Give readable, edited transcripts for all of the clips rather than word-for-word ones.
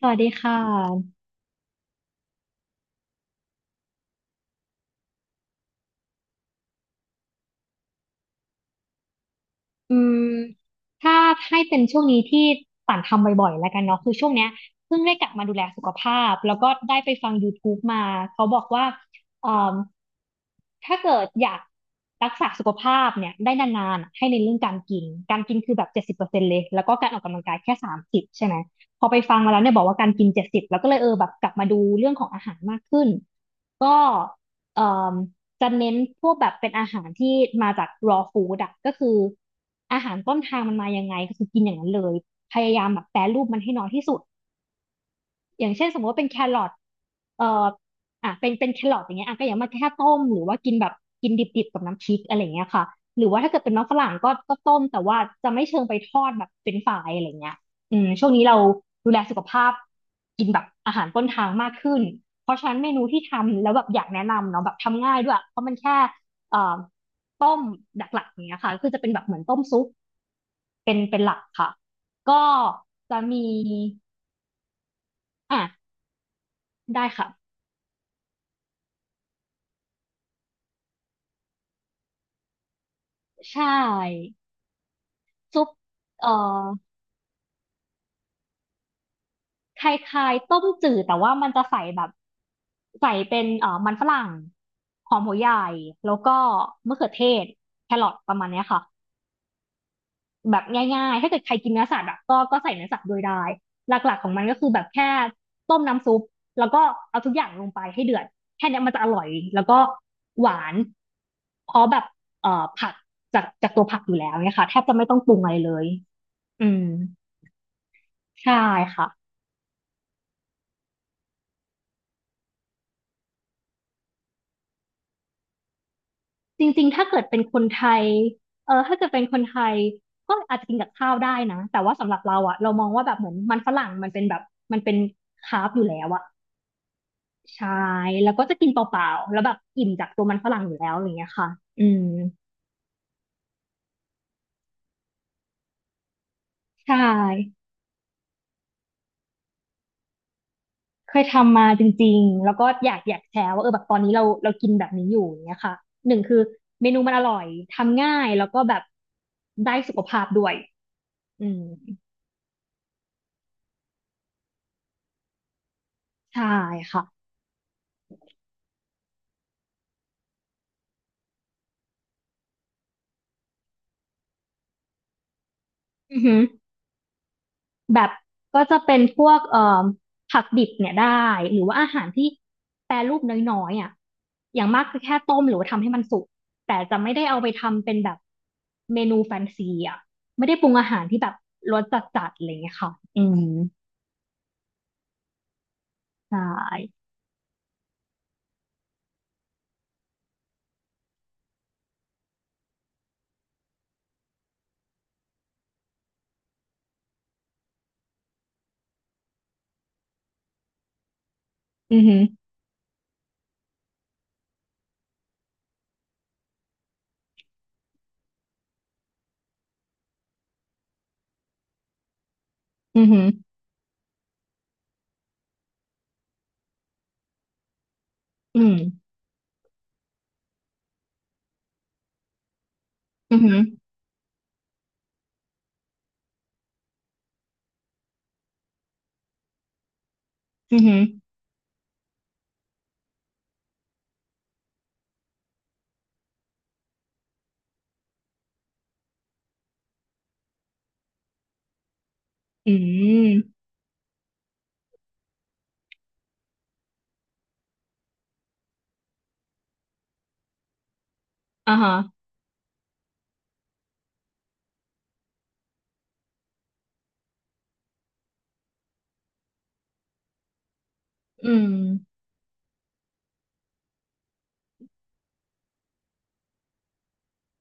สวัสดีค่ะอืมถ้าให้เป็นช่วงนี้ที่ป่านทำบ่อยๆแล้วกันเนาะคือช่วงเนี้ยเพิ่งได้กลับมาดูแลสุขภาพแล้วก็ได้ไปฟัง y ูทูบ b e มาเขาบอกว่าเอ่มถ้าเกิดอยากรักษาสุขภาพเนี่ยได้นานๆอะให้ในนเรื่องการกินการกินคือแบบ70%เลยแล้วก็การออกกำลังกายแค่30ใช่ไหมพอไปฟังมาแล้วเนี่ยบอกว่าการกินเจ็ดสิบแล้วก็เลยเออแบบกลับมาดูเรื่องของอาหารมากขึ้นก็เอ่อ จะเน้นพวกแบบเป็นอาหารที่มาจาก raw food อะก็คืออาหารต้นทางมันมายังไงก็คือกินอย่างนั้นเลยพยายามแบบแปรรูปมันให้น้อยที่สุด อย่างเช่นสมมติว่าเป็นแครอทเอ่ออ่ะเป็นแครอทอย่างเงี้ยอ่ะก็อย่ามาแค่ต้มหรือว่ากินแบบกินดิบๆกับน้ำพริกอะไรเงี้ยค่ะหรือว่าถ้าเกิดเป็นน้องฝรั่งก็ต้มแต่ว่าจะไม่เชิงไปทอดแบบเป็นฝายอะไรเงี้ยช่วงนี้เราดูแลสุขภาพกินแบบอาหารต้นทางมากขึ้นเพราะฉะนั้นเมนูที่ทำแล้วแบบอยากแนะนำเนาะแบบทำง่ายด้วยเพราะมันแค่เอ่อต้มหลักๆอย่างเงี้ยค่ะก็คือจะเป็นแบบเหมือนต้มซุปเป็นหลักค่ะก็จะมีอ่ะได้ค่ะ ใช่ซุปเอ่อคล้ายๆต้มจืดแต่ว่ามันจะใส่แบบใส่เป็นมันฝรั่งหอมหัวใหญ่แล้วก็มะเขือเทศแครอทประมาณเนี้ยค่ะแบบง่ายๆถ้าเกิดใครกินเนื้อสัตว์อะก็ใส่เนื้อสัตว์โด้วยได้หลักๆของมันก็คือแบบแค่ต้มน้ำซุปแล้วก็เอาทุกอย่างลงไปให้เดือดแค่เนี้ยมันจะอร่อยแล้วก็หวานเพราะแบบเอ่อผักจากตัวผักอยู่แล้วเนี่ยค่ะแทบจะไม่ต้องปรุงอะไรเลยอืมใช่ค่ะ จริงๆ ถ้าเกิดเป็นคนไทยเออถ้าเกิดเป็นคนไทยก็อาจจะกินกับข้าวได้นะแต่ว่าสำหรับเราอะเรามองว่าแบบเหมือนมันฝรั่งมันเป็นแบบมันเป็นคาร์บอยู่แล้วอะใช่แล้วก็จะกินเปล่าๆแล้วแบบอิ่มจากตัวมันฝรั่งอยู่แล้วอย่างเงี้ยค่ะอืมใช่เคยทำมาจริงๆแล้วก็อยากแชร์ว่าเออแบบตอนนี้เรากินแบบนี้อยู่อย่างเงี้ยค่ะหนึ่งคือเมนูมันอร่อยทำง่ายแล้วก็แบบได้สุขภาพด้วยอืมใช่ค่ะอือหือ แบบก็จะเป็นพวกผักดิบเนี่ยได้หรือว่าอาหารที่แปรรูปน้อยๆอ่ะอย่างมากก็แค่ต้มหรือว่าทำให้มันสุกแต่จะไม่ได้เอาไปทำเป็นแบบเมนูแฟนซีอ่ะไม่ได้ปรุงอาหารที่แบบรสจัดๆอะไรอย่างเงี้ยค่ะอืมใช่อือหืออือหืออืมอือหืออือหืออืมอ่าฮะอืม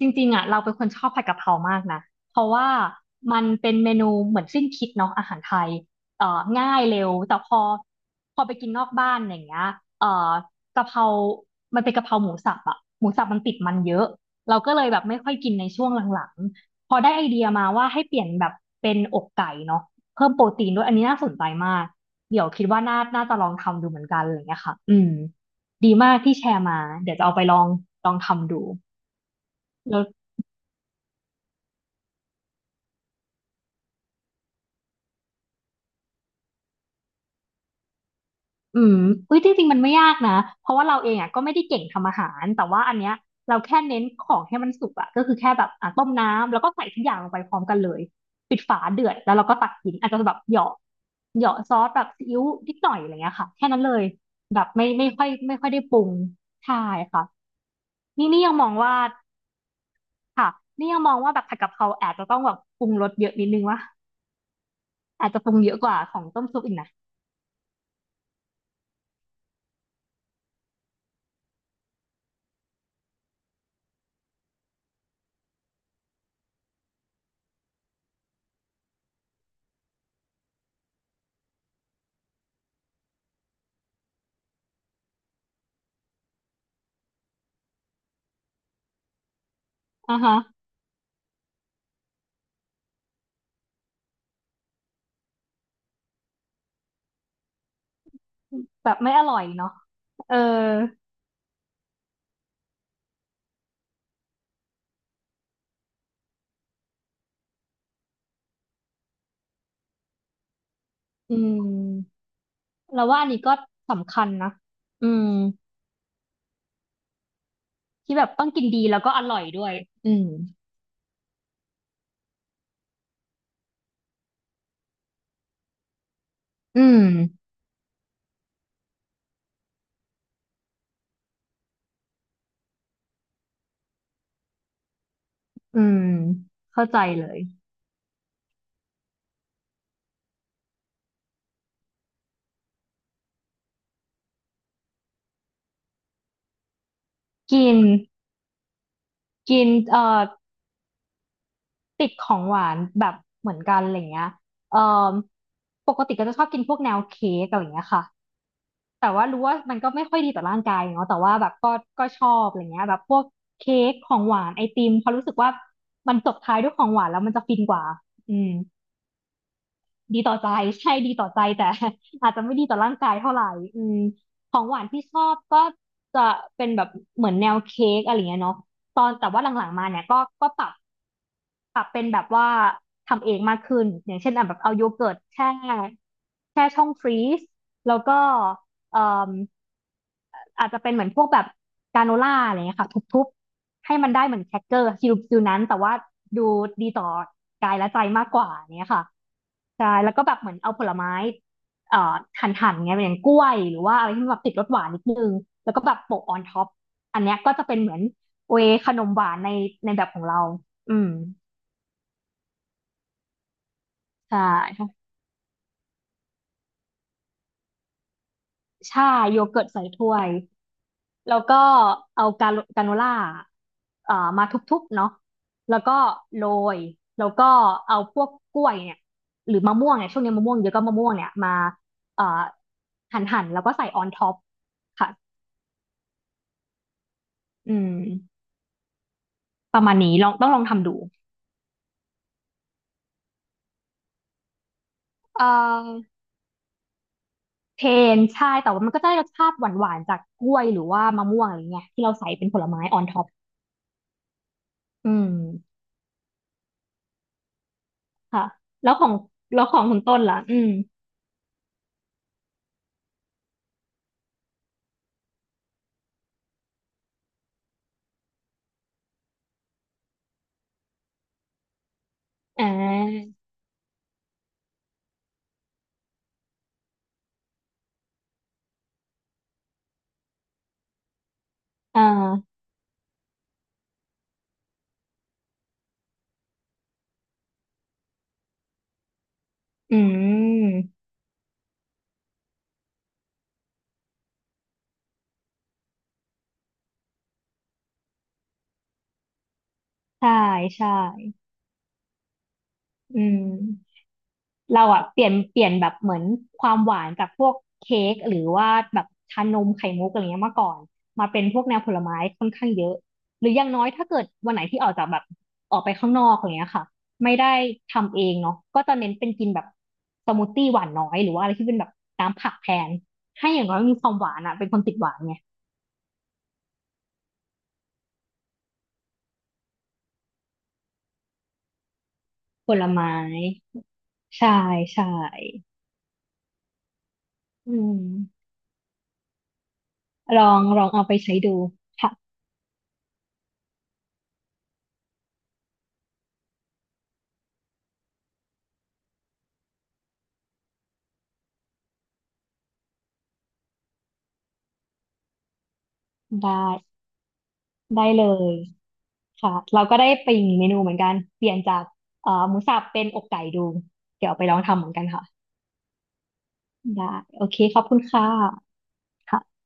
จริงๆอ่ะเราเป็นคนชอบผัดกะเพรามากนะเพราะว่ามันเป็นเมนูเหมือนสิ้นคิดเนาะอาหารไทยง่ายเร็วแต่พอไปกินนอกบ้านอย่างเงี้ยเอ่อกะเพรามันเป็นกะเพราหมูสับอ่ะหมูสับมันติดมันเยอะเราก็เลยแบบไม่ค่อยกินในช่วงหลังๆพอได้ไอเดียมาว่าให้เปลี่ยนแบบเป็นอกไก่เนาะเพิ่มโปรตีนด้วยอันนี้น่าสนใจมากเดี๋ยวคิดว่าน่าจะลองทำดูเหมือนกันอะไรอย่างเงี้ยค่ะอืมดีมากที่แชร์มาเดี๋ยวจะเอาไปลองทำดู อืมอุ้ยจริงๆมันไม่ยากนะ เพราะว่าเราเองอ่ะก็ไม่ได้เก่งทำอาหาร แต่ว่าอันเนี้ยเราแค่เน้นของให้มันสุกอ่ะก็คือแค่แบบอ่ะต้มน้ำแล้วก็ใส่ทุกอย่างลงไปพร้อมกันเลยปิดฝาเดือดแล้วเราก็ตักกินอาจจะแบบเหยาะเหยาะซอสแบบซีอิ๊วนิดหน่อยอะไรเงี้ยค่ะแค่นั้นเลยแบบไม่ค่อยได้ปรุงใช่ค่ะนี่ยังมองว่าค่ะนี่ยังมองว่าแบบผัดกะเพราอาจจะต้องแบบปรุงรสเยอะนิดนึงวะอาจจะปรุงเยอะกว่าของต้มซุปอีกนะอ่าฮะแบบไม่อร่อยเนาะเออ อืมเราว่าอันนี้ก็สำคัญนะอืมที่แบบต้องกินดีแล้วก็อร่อยด้วยอืมอืมอืมเข้าใจเลยกินกินติดของหวานแบบเหมือนกันอะไรเงี้ยเอ่อปกติก็จะชอบกินพวกแนวเค้กอะไรเงี้ยค่ะแต่ว่ารู้ว่ามันก็ไม่ค่อยดีต่อร่างกายเนาะแต่ว่าแบบก็ชอบอะไรเงี้ยแบบพวกเค้กของหวานไอติมเพราะรู้สึกว่ามันจบท้ายด้วยของหวานแล้วมันจะฟินกว่าอืม ดีต่อใจ ใช่ดีต่อใจแต่ อาจจะไม่ดีต่อร่างกายเท่าไหร่อืมของหวานที่ชอบก็จะเป็นแบบเหมือนแนวเค้กอะไรเงี้ยเนาะตอนแต่ว่าหลังๆมาเนี่ยก็ก็ปรับเป็นแบบว่าทำเองมากขึ้นอย่างเช่นอ่ะแบบเอาโยเกิร์ตแช่แช่ช่องฟรีซแล้วก็เอ่อ อาจจะเป็นเหมือนพวกแบบกราโนล่าอะไรเงี้ยค่ะทุบๆให้มันได้เหมือนแครกเกอร์ฟิลฟิลนั้นแต่ว่าดูดีต่อกายและใจมากกว่าเนี้ยค่ะใช่แล้วก็แบบเหมือนเอาผลไม้เอ่อหั่นๆเงยอย่างกล้วยหรือว่าอะไรที่มันแบบติดรสหวานนิดนึงแล้วก็แบบโปะออนท็อปอันเนี้ยก็จะเป็นเหมือนเวย์ขนมหวานในแบบของเราอืมใช่ค่ะใช่โยเกิร์ตใส่ถ้วย แล้วก็เอากาโนล่ามาทุบๆเนาะแล้วก็โรยแล้วก็เอาพวกกล้วยเนี่ยหรือมะม่วงเนี่ยช่วงนี้มะม่วงเยอะก็มะม่วงเนี่ยมาเอ่อหั่นแล้วก็ใส่ออนท็อปค่ะอืมประมาณนี้ลองต้องลองทำดูเอ่อเทนใช่แต่ว่ามันก็จะได้รสชาติหวานๆจากกล้วยหรือว่ามะม่วงอะไรเงี้ยที่เราใส่เป็นผลไม้ออนท็อปอืมค่ะแล้วของแล้วของคุณต้นล่ะอืมอ่าอ่าอืม ใช่ใช่อืมเราอะเปลี่ยนแบบเหมือนความหวานจากพวกเค้กหรือว่าแบบชานมไข่มุกอะไรเงี้ยมาก่อนมาเป็นพวกแนวผลไม้ค่อนข้างเยอะหรืออย่างน้อยถ้าเกิดวันไหนที่ออกจากแบบออกไปข้างนอกอะไรเงี้ยค่ะไม่ได้ทำเองเนาะก็จะเน้นเป็นกินแบบสมูทตี้หวานน้อยหรือว่าอะไรที่เป็นแบบน้ำผักแทนให้อย่างน้อยมีความหวานอะเป็นคนติดหวานไงผลไม้ใช่ใช่อืมลองลองเอาไปใช้ดูค่ะได้ ได้เลยค่ะเราก็ได้ไปอีกเมนูเหมือนกันเปลี่ยนจากหมูสับเป็นอกไก่ดูเดี๋ยวเอาไปลองทำเหมือนกันค่ะได้โอเคขอบคุณค่ะค่ะ